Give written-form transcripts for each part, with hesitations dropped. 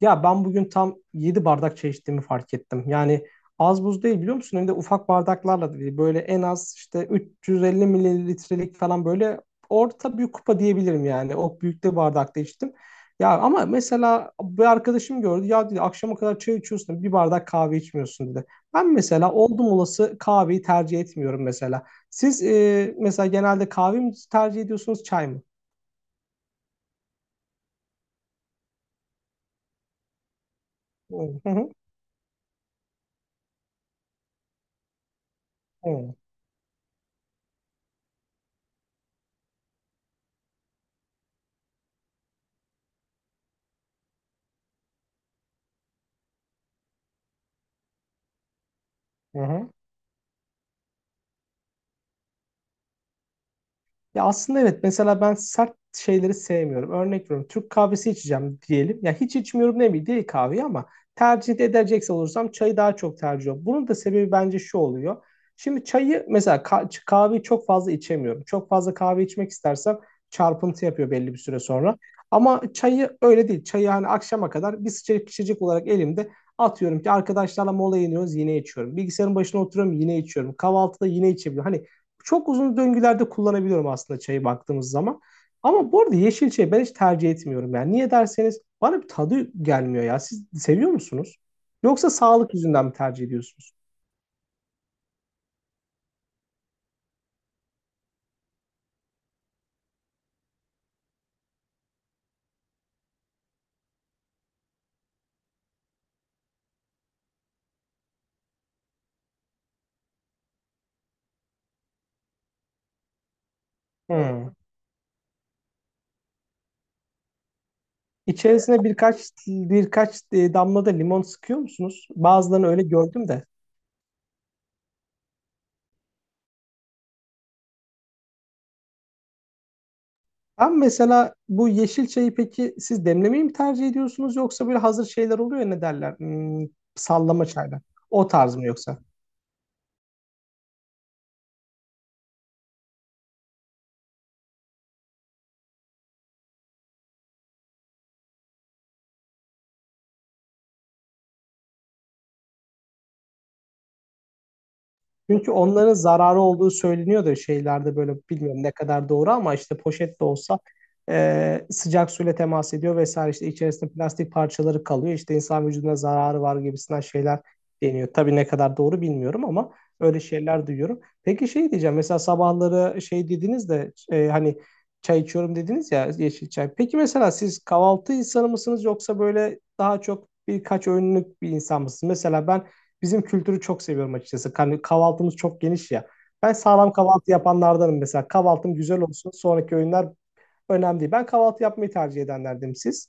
Ya ben bugün tam 7 bardak çay içtiğimi fark ettim. Yani az buz değil biliyor musun? Hem de ufak bardaklarla da değil. Böyle en az işte 350 mililitrelik falan böyle orta büyük kupa diyebilirim yani. O büyüklüğü bardakta içtim. Ya ama mesela bir arkadaşım gördü. Ya dedi akşama kadar çay içiyorsun bir bardak kahve içmiyorsun dedi. Ben mesela oldum olası kahveyi tercih etmiyorum mesela. Siz mesela genelde kahve mi tercih ediyorsunuz çay mı? Hı hı. Evet. Hı hı. Ya aslında evet mesela ben sert şeyleri sevmiyorum. Örnek veriyorum Türk kahvesi içeceğim diyelim. Ya hiç içmiyorum demeyeyim değil kahveyi ama tercih edecekse olursam çayı daha çok tercih ediyorum. Bunun da sebebi bence şu oluyor. Şimdi çayı mesela kahveyi çok fazla içemiyorum. Çok fazla kahve içmek istersem çarpıntı yapıyor belli bir süre sonra. Ama çayı öyle değil. Çayı hani akşama kadar bir sıcacık içecek olarak elimde atıyorum ki arkadaşlarla mola iniyoruz yine içiyorum. Bilgisayarın başına oturuyorum yine içiyorum. Kahvaltıda yine içebiliyorum. Hani çok uzun döngülerde kullanabiliyorum aslında çayı baktığımız zaman. Ama bu arada yeşil çayı ben hiç tercih etmiyorum. Yani niye derseniz bana bir tadı gelmiyor ya. Siz seviyor musunuz? Yoksa sağlık yüzünden mi tercih ediyorsunuz? Hmm. İçerisine birkaç damla da limon sıkıyor musunuz? Bazılarını öyle gördüm de. Abi mesela bu yeşil çayı peki siz demlemeyi mi tercih ediyorsunuz yoksa böyle hazır şeyler oluyor ya ne derler? Sallama çaylar. O tarz mı yoksa? Çünkü onların zararı olduğu söyleniyor da şeylerde böyle bilmiyorum ne kadar doğru ama işte poşet de olsa sıcak suyla temas ediyor vesaire işte içerisinde plastik parçaları kalıyor işte insan vücuduna zararı var gibisinden şeyler deniyor. Tabii ne kadar doğru bilmiyorum ama öyle şeyler duyuyorum. Peki şey diyeceğim mesela sabahları şey dediniz de hani çay içiyorum dediniz ya yeşil çay. Peki mesela siz kahvaltı insanı mısınız yoksa böyle daha çok birkaç öğünlük bir insan mısınız? Mesela ben bizim kültürü çok seviyorum açıkçası. Hani kahvaltımız çok geniş ya. Ben sağlam kahvaltı yapanlardanım mesela. Kahvaltım güzel olsun. Sonraki öğünler önemli değil. Ben kahvaltı yapmayı tercih edenlerdenim siz.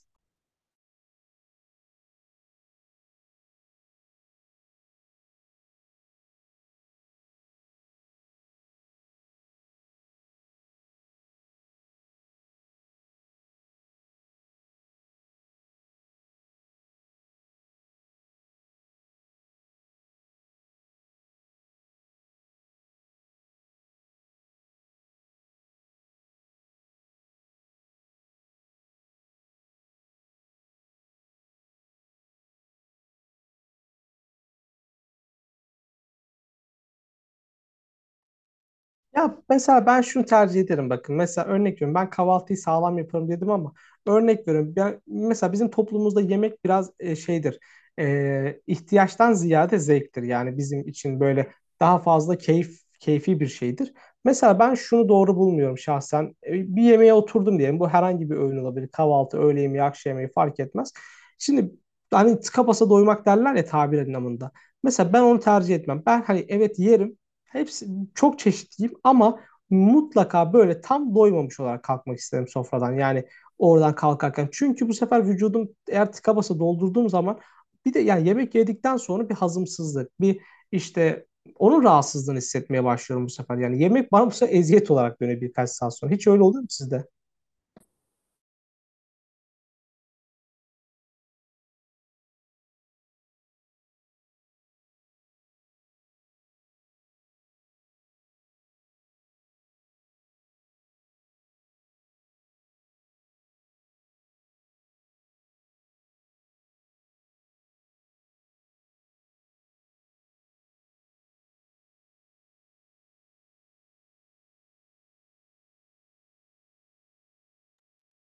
Ya mesela ben şunu tercih ederim bakın. Mesela örnek veriyorum ben kahvaltıyı sağlam yaparım dedim ama örnek veriyorum ben, mesela bizim toplumumuzda yemek biraz şeydir. İhtiyaçtan ziyade zevktir. Yani bizim için böyle daha fazla keyfi bir şeydir. Mesela ben şunu doğru bulmuyorum şahsen. Bir yemeğe oturdum diyelim. Bu herhangi bir öğün olabilir. Kahvaltı, öğle yemeği, akşam yemeği fark etmez. Şimdi hani tıka basa doymak derler ya tabir anlamında. Mesela ben onu tercih etmem. Ben hani evet yerim. Hepsi çok çeşitliyim ama mutlaka böyle tam doymamış olarak kalkmak isterim sofradan. Yani oradan kalkarken. Çünkü bu sefer vücudum eğer tıka basa doldurduğum zaman bir de yani yemek yedikten sonra bir hazımsızlık, bir işte onun rahatsızlığını hissetmeye başlıyorum bu sefer. Yani yemek bana bu sefer eziyet olarak dönüyor birkaç saat sonra. Hiç öyle oluyor mu sizde?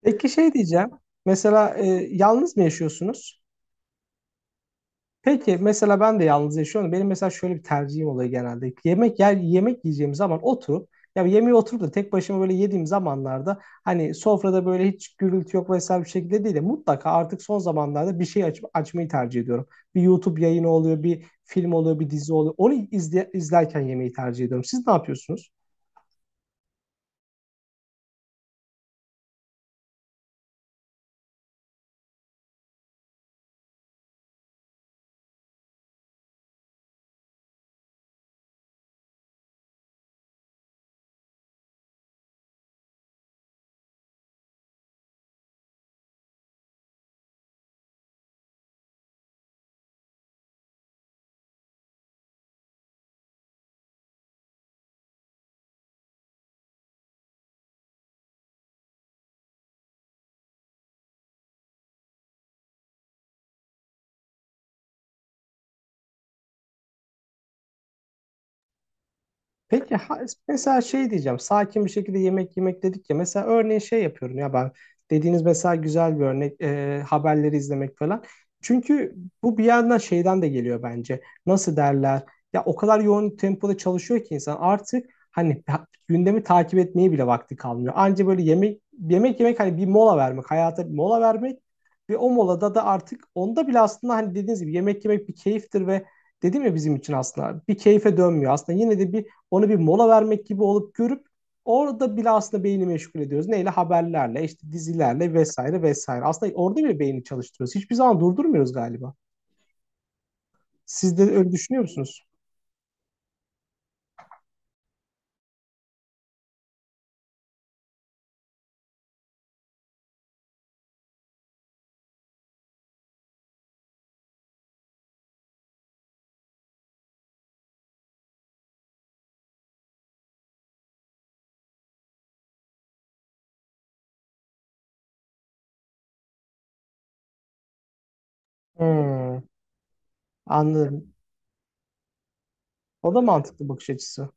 Peki şey diyeceğim. Mesela yalnız mı yaşıyorsunuz? Peki mesela ben de yalnız yaşıyorum. Benim mesela şöyle bir tercihim oluyor genelde. Yemek yiyeceğim zaman oturup ya yemeği oturup da tek başıma böyle yediğim zamanlarda hani sofrada böyle hiç gürültü yok vesaire bir şekilde değil de mutlaka artık son zamanlarda bir şey açmayı tercih ediyorum. Bir YouTube yayını oluyor, bir film oluyor, bir dizi oluyor. Onu izlerken yemeği tercih ediyorum. Siz ne yapıyorsunuz? Peki mesela şey diyeceğim sakin bir şekilde yemek yemek dedik ya mesela örneğin şey yapıyorum ya ben dediğiniz mesela güzel bir örnek haberleri izlemek falan. Çünkü bu bir yandan şeyden de geliyor bence nasıl derler ya o kadar yoğun tempoda çalışıyor ki insan artık hani gündemi takip etmeye bile vakti kalmıyor. Anca böyle yemek yemek yemek hani bir mola vermek hayata bir mola vermek ve o molada da artık onda bile aslında hani dediğiniz gibi yemek yemek bir keyiftir ve dedim ya bizim için aslında bir keyfe dönmüyor aslında yine de bir onu bir mola vermek gibi olup görüp orada bile aslında beyni meşgul ediyoruz. Neyle? Haberlerle, işte dizilerle vesaire vesaire. Aslında orada bile beyni çalıştırıyoruz. Hiçbir zaman durdurmuyoruz galiba. Siz de öyle düşünüyor musunuz? Hmm, Anladım. O da mantıklı bakış açısı.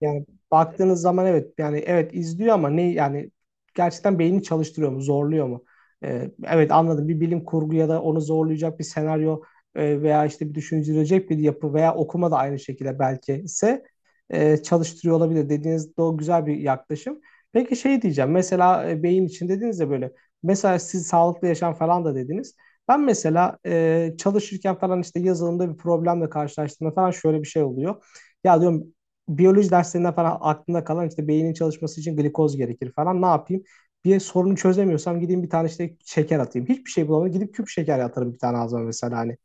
Yani baktığınız zaman evet yani evet izliyor ama ne yani gerçekten beynini çalıştırıyor mu zorluyor mu? Evet anladım bir bilim kurgu ya da onu zorlayacak bir senaryo veya işte bir düşündürecek bir yapı veya okuma da aynı şekilde belki ise çalıştırıyor olabilir dediğiniz de o güzel bir yaklaşım. Peki şey diyeceğim mesela beyin için dediniz ya böyle mesela siz sağlıklı yaşam falan da dediniz. Ben mesela çalışırken falan işte yazılımda bir problemle karşılaştığımda falan şöyle bir şey oluyor. Ya diyorum biyoloji derslerinden falan aklımda kalan işte beynin çalışması için glikoz gerekir falan. Ne yapayım? Bir sorunu çözemiyorsam gideyim bir tane işte şeker atayım. Hiçbir şey bulamadım. Gidip küp şeker atarım bir tane ağzıma mesela hani.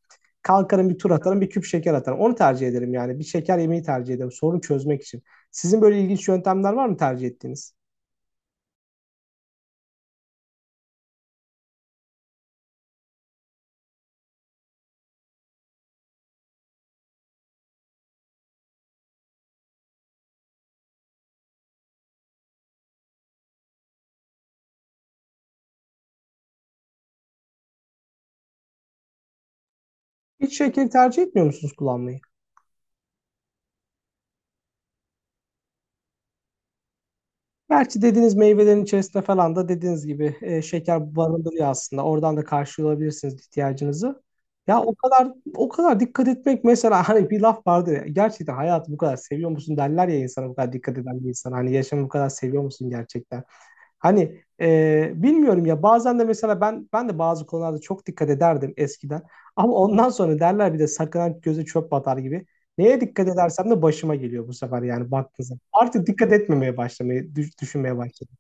Kalkarım bir tur atarım bir küp şeker atarım. Onu tercih ederim yani. Bir şeker yemeyi tercih ederim sorun çözmek için. Sizin böyle ilginç yöntemler var mı tercih ettiğiniz? Hiç şekeri tercih etmiyor musunuz kullanmayı? Gerçi dediğiniz meyvelerin içerisinde falan da dediğiniz gibi şeker barındırıyor aslında. Oradan da karşılayabilirsiniz ihtiyacınızı. Ya o kadar o kadar dikkat etmek mesela hani bir laf vardır ya gerçekten hayatı bu kadar seviyor musun derler ya insana bu kadar dikkat eden bir insan hani yaşamı bu kadar seviyor musun gerçekten. Hani bilmiyorum ya bazen de mesela ben de bazı konularda çok dikkat ederdim eskiden. Ama ondan sonra derler bir de sakınan göze çöp batar gibi. Neye dikkat edersem de başıma geliyor bu sefer yani baktığınızda. Artık dikkat etmemeye başlamayı düşünmeye başladım.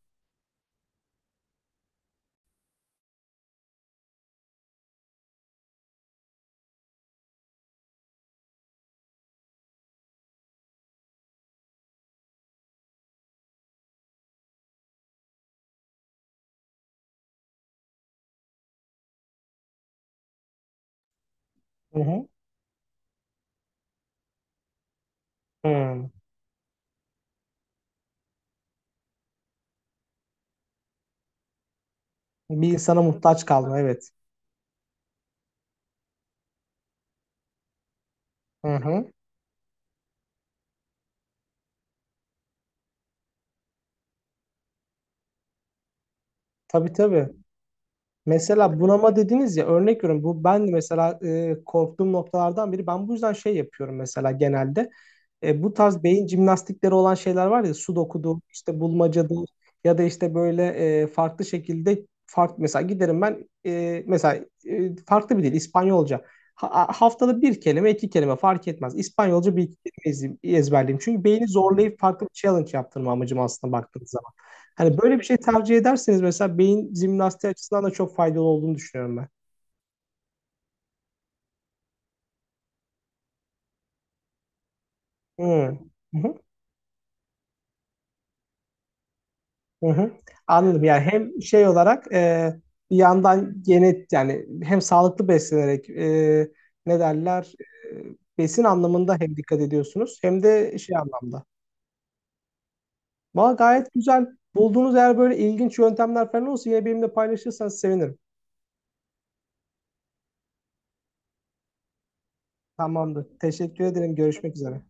Hı hı. Hı. Bir insana muhtaç kalma evet. Hı hı. Tabii tabii. Mesela bunama dediniz ya örnek veriyorum bu ben de mesela korktuğum noktalardan biri ben bu yüzden şey yapıyorum mesela genelde. Bu tarz beyin jimnastikleri olan şeyler var ya sudoku'dur işte bulmacadır ya da işte böyle farklı şekilde farklı mesela giderim ben mesela farklı bir dil İspanyolca. Haftada bir kelime iki kelime fark etmez İspanyolca bir ezberleyeyim. Çünkü beyni zorlayıp farklı bir challenge yaptırma amacım aslında baktığınız zaman. Hani böyle bir şey tercih ederseniz mesela beyin jimnastiği açısından da çok faydalı olduğunu düşünüyorum ben. Hmm. Hı hı. Hı hı. Anladım. Yani hem şey olarak bir yandan genet yani hem sağlıklı beslenerek ne derler besin anlamında hem dikkat ediyorsunuz hem de şey anlamda. Valla gayet güzel. Bulduğunuz eğer böyle ilginç yöntemler falan olsa yine benimle paylaşırsanız sevinirim. Tamamdır. Teşekkür ederim. Görüşmek üzere.